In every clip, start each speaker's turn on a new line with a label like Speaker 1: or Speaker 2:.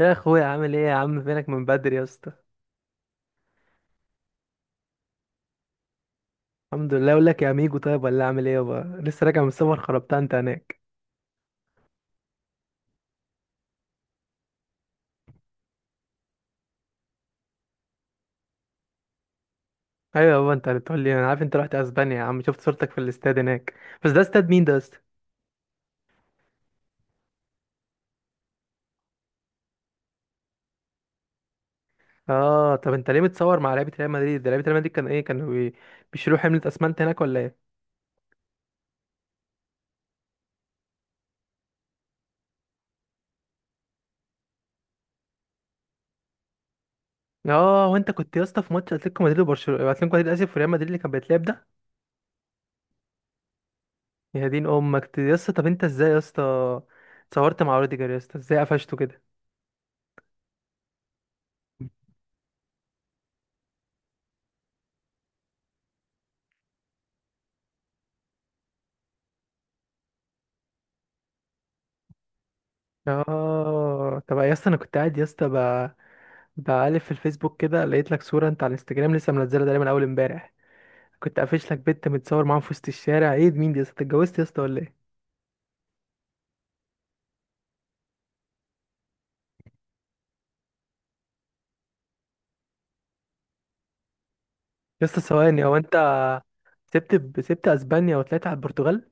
Speaker 1: يا اخويا عامل ايه يا عم؟ فينك من بدري يا اسطى؟ الحمد لله. اقول لك يا ميجو، طيب ولا اعمل ايه يابا، لسه راجع من السفر. خربتها انت هناك. ايوه يابا انت اللي بتقول لي. انا عارف انت رحت اسبانيا يا عم، شفت صورتك في الاستاد هناك. بس ده استاد مين ده يا اسطى؟ اه طب انت ليه متصور مع لعيبه ريال مدريد؟ ده لعيبه ريال مدريد كان ايه، كانوا بيشيلوا حمله اسمنت هناك ولا ايه؟ اه وانت كنت يا اسطى في ماتش اتلتيكو مدريد وبرشلونه، اتلتيكو مدريد اسف وريال مدريد اللي كان بيتلعب ده؟ يا دين امك يا اسطى. طب انت ازاي يا اسطى اتصورت مع روديجر يا اسطى، ازاي قفشته كده؟ اه طب يا اسطى، انا كنت قاعد يا اسطى بقلب في الفيسبوك كده، لقيت لك صوره انت على الانستجرام لسه منزلها ده من اول امبارح. كنت قافش لك بنت متصور معاها في وسط الشارع، ايه ده، مين دي يا اسطى؟ أنت اتجوزت يا اسطى ولا ايه؟ يا اسطى ثواني، هو انت سبت اسبانيا وطلعت على البرتغال؟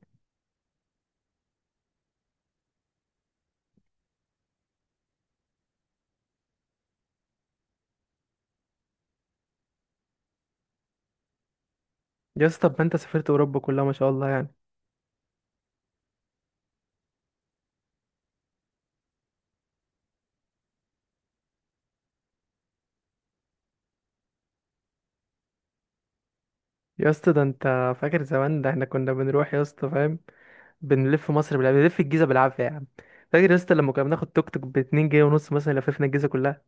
Speaker 1: يا اسطى طب ما انت سافرت اوروبا كلها ما شاء الله يعني. يا اسطى ده انت فاكر زمان، ده احنا كنا بنروح يا اسطى فاهم، بنلف مصر بالعافيه، بنلف الجيزه بالعافيه يا عم. فاكر يا اسطى لما كنا بناخد توك توك ب 2 جنيه ونص مثلا، لففنا الجيزه كلها.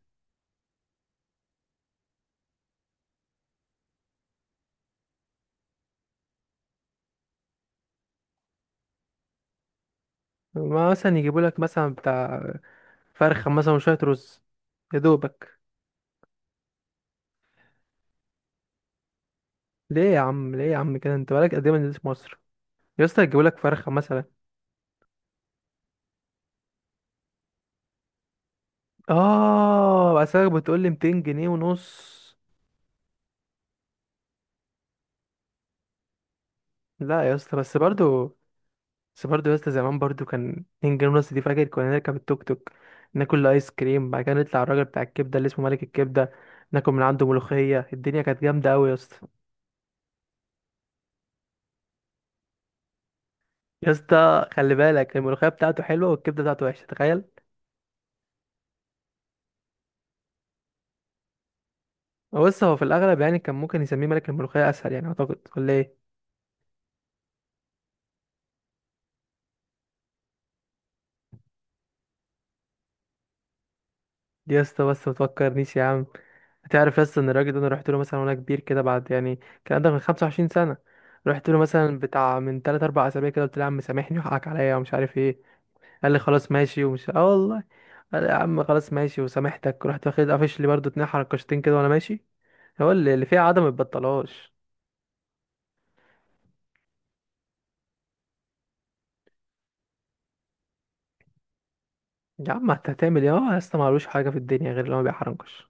Speaker 1: ما مثلا يجيبوا لك مثلا بتاع فرخة مثلا وشوية رز، يا دوبك. ليه يا عم، ليه يا عم كده، انت بقالك قد ايه ما نزلتش مصر يا اسطى؟ هتجيبولك فرخة مثلا؟ اه بس بتقول لي 200 جنيه ونص. لا يا اسطى بس برضو، بس برضو يا اسطى، زمان برضو كان 2 جنيه ونص دي، فاكر كنا نركب التوك توك، ناكل ايس كريم، بعد كده نطلع الراجل بتاع الكبده اللي اسمه ملك الكبده، ناكل من عنده ملوخيه. الدنيا كانت جامده قوي يا اسطى. يا اسطى خلي بالك الملوخيه بتاعته حلوه والكبده بتاعته وحشه، تخيل. هو بص، هو في الاغلب يعني كان ممكن يسميه ملك الملوخيه اسهل يعني اعتقد، ولا ايه؟ يا اسطى بس ما تفكرنيش يا عم. هتعرف يا اسطى ان الراجل ده انا رحت له مثلا وانا كبير كده، بعد يعني كان عندك من 25 سنه. رحت له مثلا بتاع من 3 4 اسابيع كده، قلت له يا عم سامحني وحقك عليا ومش عارف ايه. قال لي خلاص ماشي ومش، اه والله. قال لي يا عم خلاص ماشي وسامحتك، رحت واخد، قافش لي برضه اتنين حركشتين كده وانا ماشي. هو اللي فيها عدم ما يتبطلهاش. يا عم انت هتعمل ايه؟ هو يا اسطى معلوش، حاجه في الدنيا غير اللي هو بيحرنكش.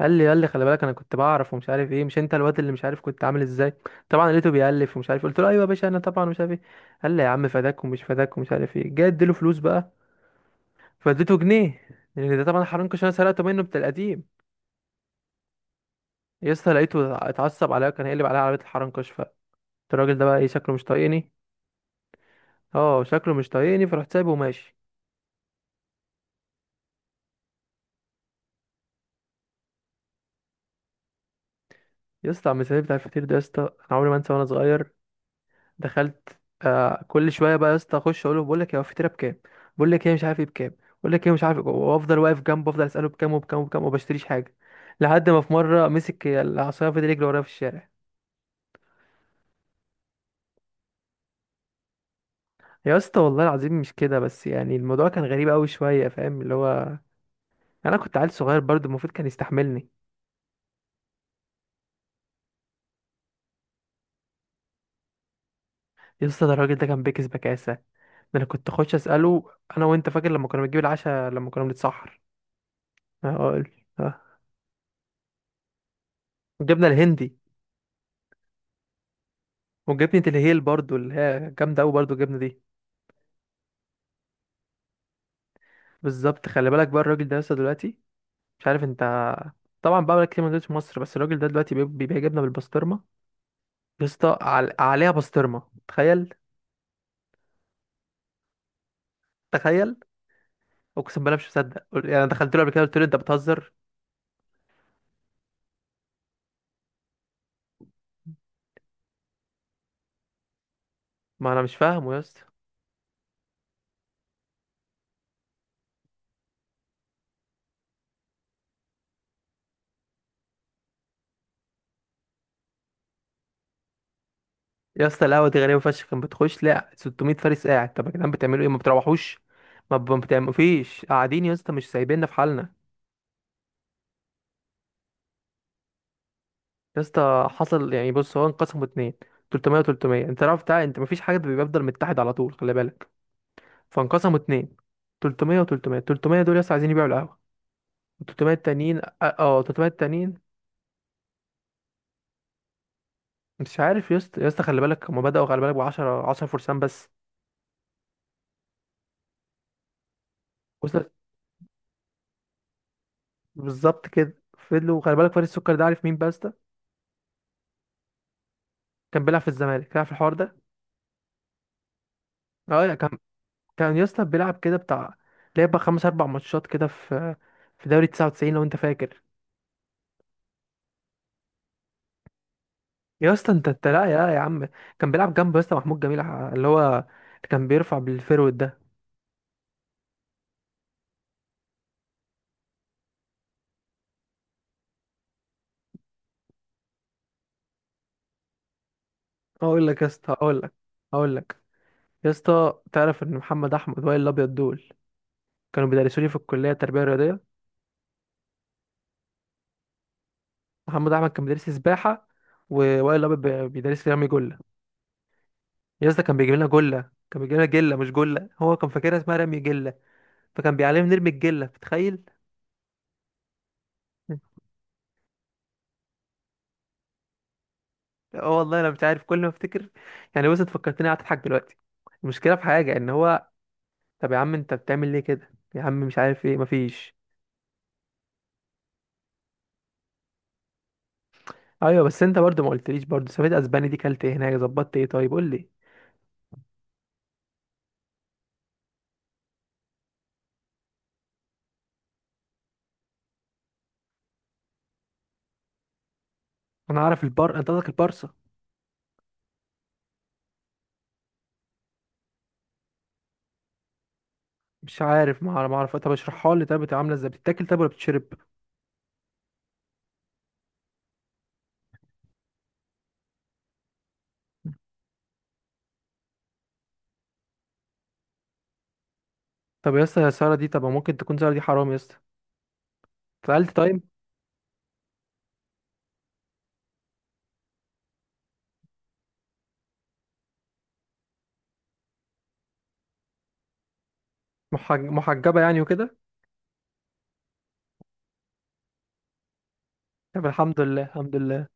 Speaker 1: قال لي خلي بالك انا كنت بعرف ومش عارف ايه، مش انت الواد اللي مش عارف كنت عامل ازاي. طبعا لقيته بيألف ومش عارف، قلت له ايوه يا باشا انا طبعا مش عارف ايه. قال لي يا عم فداك ومش فداك ومش عارف ايه، جاي اديله فلوس بقى، فاديته جنيه، لان ده طبعا حرنكش انا سرقته منه بتاع القديم. يا اسطى لقيته اتعصب عليا، كان هيقلب عليا عربيه الحرنكش، فقلت الراجل ده بقى ايه، شكله مش طايقني. اه شكله مش طايقني، فرحت سايبه وماشي. يا اسطى عم سيف بتاع الفطير ده، يا اسطى انا عمري ما انسى، وانا صغير دخلت كل شويه بقى يا اسطى، اخش اقول له، بقول لك يا هو الفطيره بكام، بقول لك ايه مش عارف ايه بكام، بقول لك ايه مش عارف إيه، وافضل واقف جنبه افضل اساله بكام وبكام وبكام، وما بشتريش حاجه. لحد ما في مره مسك العصايه فضل يجري ورايا في الشارع. يا اسطى والله العظيم، مش كده بس يعني، الموضوع كان غريب قوي شويه فاهم، اللي هو انا كنت عيل صغير برضه المفروض كان يستحملني. يا اسطى ده الراجل ده كان بيكس بكاسه ده. انا كنت اخش اساله، انا وانت فاكر لما كنا بنجيب العشاء لما كنا بنتسحر. أقول- آه. جبنا الهندي. وجبنة الهيل برضو اللي هي جامدة أوي برضو الجبنة دي. بالظبط خلي بالك بقى، الراجل ده لسه دلوقتي مش عارف انت، طبعا بقى بقالك كتير ما نزلتش مصر، بس الراجل ده دلوقتي بيبيع جبنة بالبسطرمة. يا اسطى عليها بسطرمة. تخيل تخيل. اقسم بالله مش مصدق، يعني أنا دخلت له قبل كده قلت له انت بتهزر. ما انا مش فاهمه يا اسطى. يا اسطى القهوة دي غريبة فشخ، كان بتخش لا 600 فارس قاعد، طب يا جدعان بتعملوا ايه؟ ما بتروحوش، ما بتعملوا فيش، قاعدين يا اسطى مش سايبيننا في حالنا. يا اسطى حصل يعني بص، هو انقسموا اتنين، 300 و300، انت عارف بتاع، انت مفيش حاجه بيبقى بيفضل متحد على طول خلي بالك. فانقسموا اتنين، 300 و300. 300 دول يا اسطى عايزين يبيعوا القهوه، و 300 التانيين اه 300 التانيين مش عارف يا اسطى. يا اسطى خلي بالك، هما بداوا خلي بالك ب 10 10 فرسان بس، وصلت. بالظبط كده، فضلوا خلي بالك، فريق السكر ده عارف مين بقى يا اسطى؟ كان بيلعب في الزمالك، عارف الحوار ده؟ اه لا، كان يا اسطى بيلعب كده بتاع، لعب بقى خمس اربع ماتشات كده في دوري 99 لو انت فاكر. يا اسطى انت لا يا عم. كان بيلعب جنبه يا اسطى محمود جميل، اللي هو اللي كان بيرفع بالفيرود ده. اقول لك يا اسطى، اقول لك اقول لك يا اسطى تعرف ان محمد احمد وائل الابيض دول كانوا بيدرسوا لي في الكليه التربيه الرياضيه؟ محمد احمد كان بيدرس لي سباحه، ووائل الابيض بيدرس لي رمي جله. يا اسطى كان بيجيب لنا جله، كان بيجيب لنا جله مش جله، هو كان فاكرها اسمها رمي جله، فكان بيعلمني نرمي الجله، بتخيل. اه والله انا مش عارف، كل ما افتكر يعني بص، انت فكرتني قاعد اضحك دلوقتي. المشكله في حاجه ان هو، طب يا عم انت بتعمل ليه كده يا عم، مش عارف ايه، مفيش. ايوه بس انت برضو ما قلتليش، برضو سافيت اسباني دي، كلت ايه هناك، ظبطت ايه، طيب قول لي. انا اعرف البر، انت قصدك البارسا. مش عارف، ما اعرف، طب اشرحها لي، طب بتبقى عامله ازاي، بتتاكل طب ولا بتشرب؟ طب يا اسطى يا ساره دي، طب ممكن تكون ساره دي حرام يا اسطى؟ اتسالت طيب؟ محجبه يعني وكده. طب الحمد لله، الحمد لله.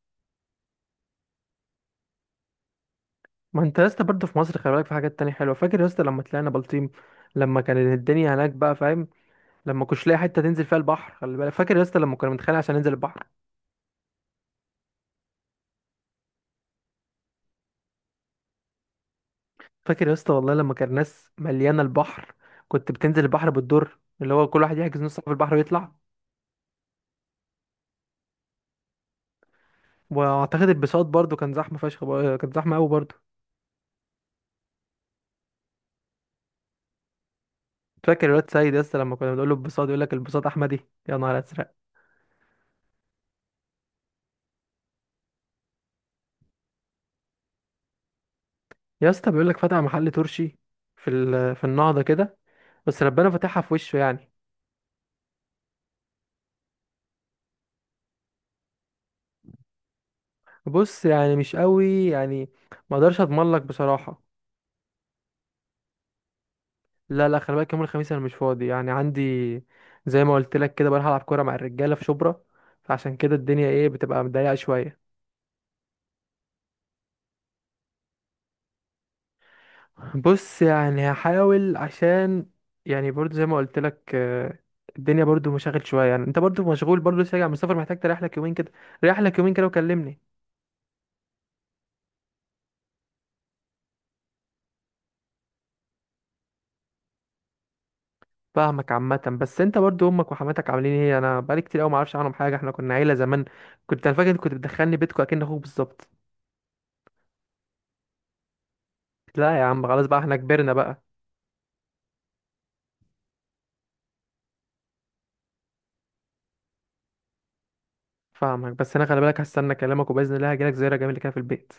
Speaker 1: ما انت يا اسطى برضو في مصر خلي بالك في حاجات تانية حلوه. فاكر يا اسطى لما طلعنا بلطيم، لما كانت الدنيا هناك بقى فاهم، لما كنتش لاقي حته تنزل فيها البحر، خلي بالك، فاكر يا اسطى لما كنا بنتخانق عشان ننزل البحر؟ فاكر يا اسطى والله لما كان ناس مليانه البحر، كنت بتنزل البحر بالدور، اللي هو كل واحد يحجز نص ساعه في البحر ويطلع. واعتقد البساط برضو كان زحمه فشخ، كان زحمه قوي برضو. فاكر الواد سيد يا اسطى لما كنا بنقول له البساط، يقول لك البساط احمدي، يا نهار ازرق. يا اسطى بيقول لك فتح محل ترشي في في النهضه كده، بس ربنا فتحها في وشه يعني. بص يعني مش قوي يعني، ما اقدرش اضمن لك بصراحه. لا لا خلي بالك، يوم الخميس انا مش فاضي يعني، عندي زي ما قلت لك كده، بروح العب كوره مع الرجاله في شبرا. فعشان كده الدنيا ايه، بتبقى مضيقه شويه. بص يعني هحاول، عشان يعني برضو زي ما قلت لك، الدنيا برضو مشاغل شويه يعني. انت برضو مشغول برضو لسه راجع من السفر، محتاج تريح لك يومين كده. ريح لك يومين كده وكلمني. فاهمك عامه، بس انت برضو امك وحماتك عاملين ايه؟ انا بقالي كتير قوي ما اعرفش عنهم حاجه، احنا كنا عيله زمان، كنت انا فاكر إنت كنت بتدخلني بيتكم اكن اخوك بالظبط. لا يا عم خلاص بقى، احنا كبرنا بقى. فاهمك، بس انا خلي بالك، هستنى كلامك، وباذن الله هجيلك زياره جميله كده في البيت.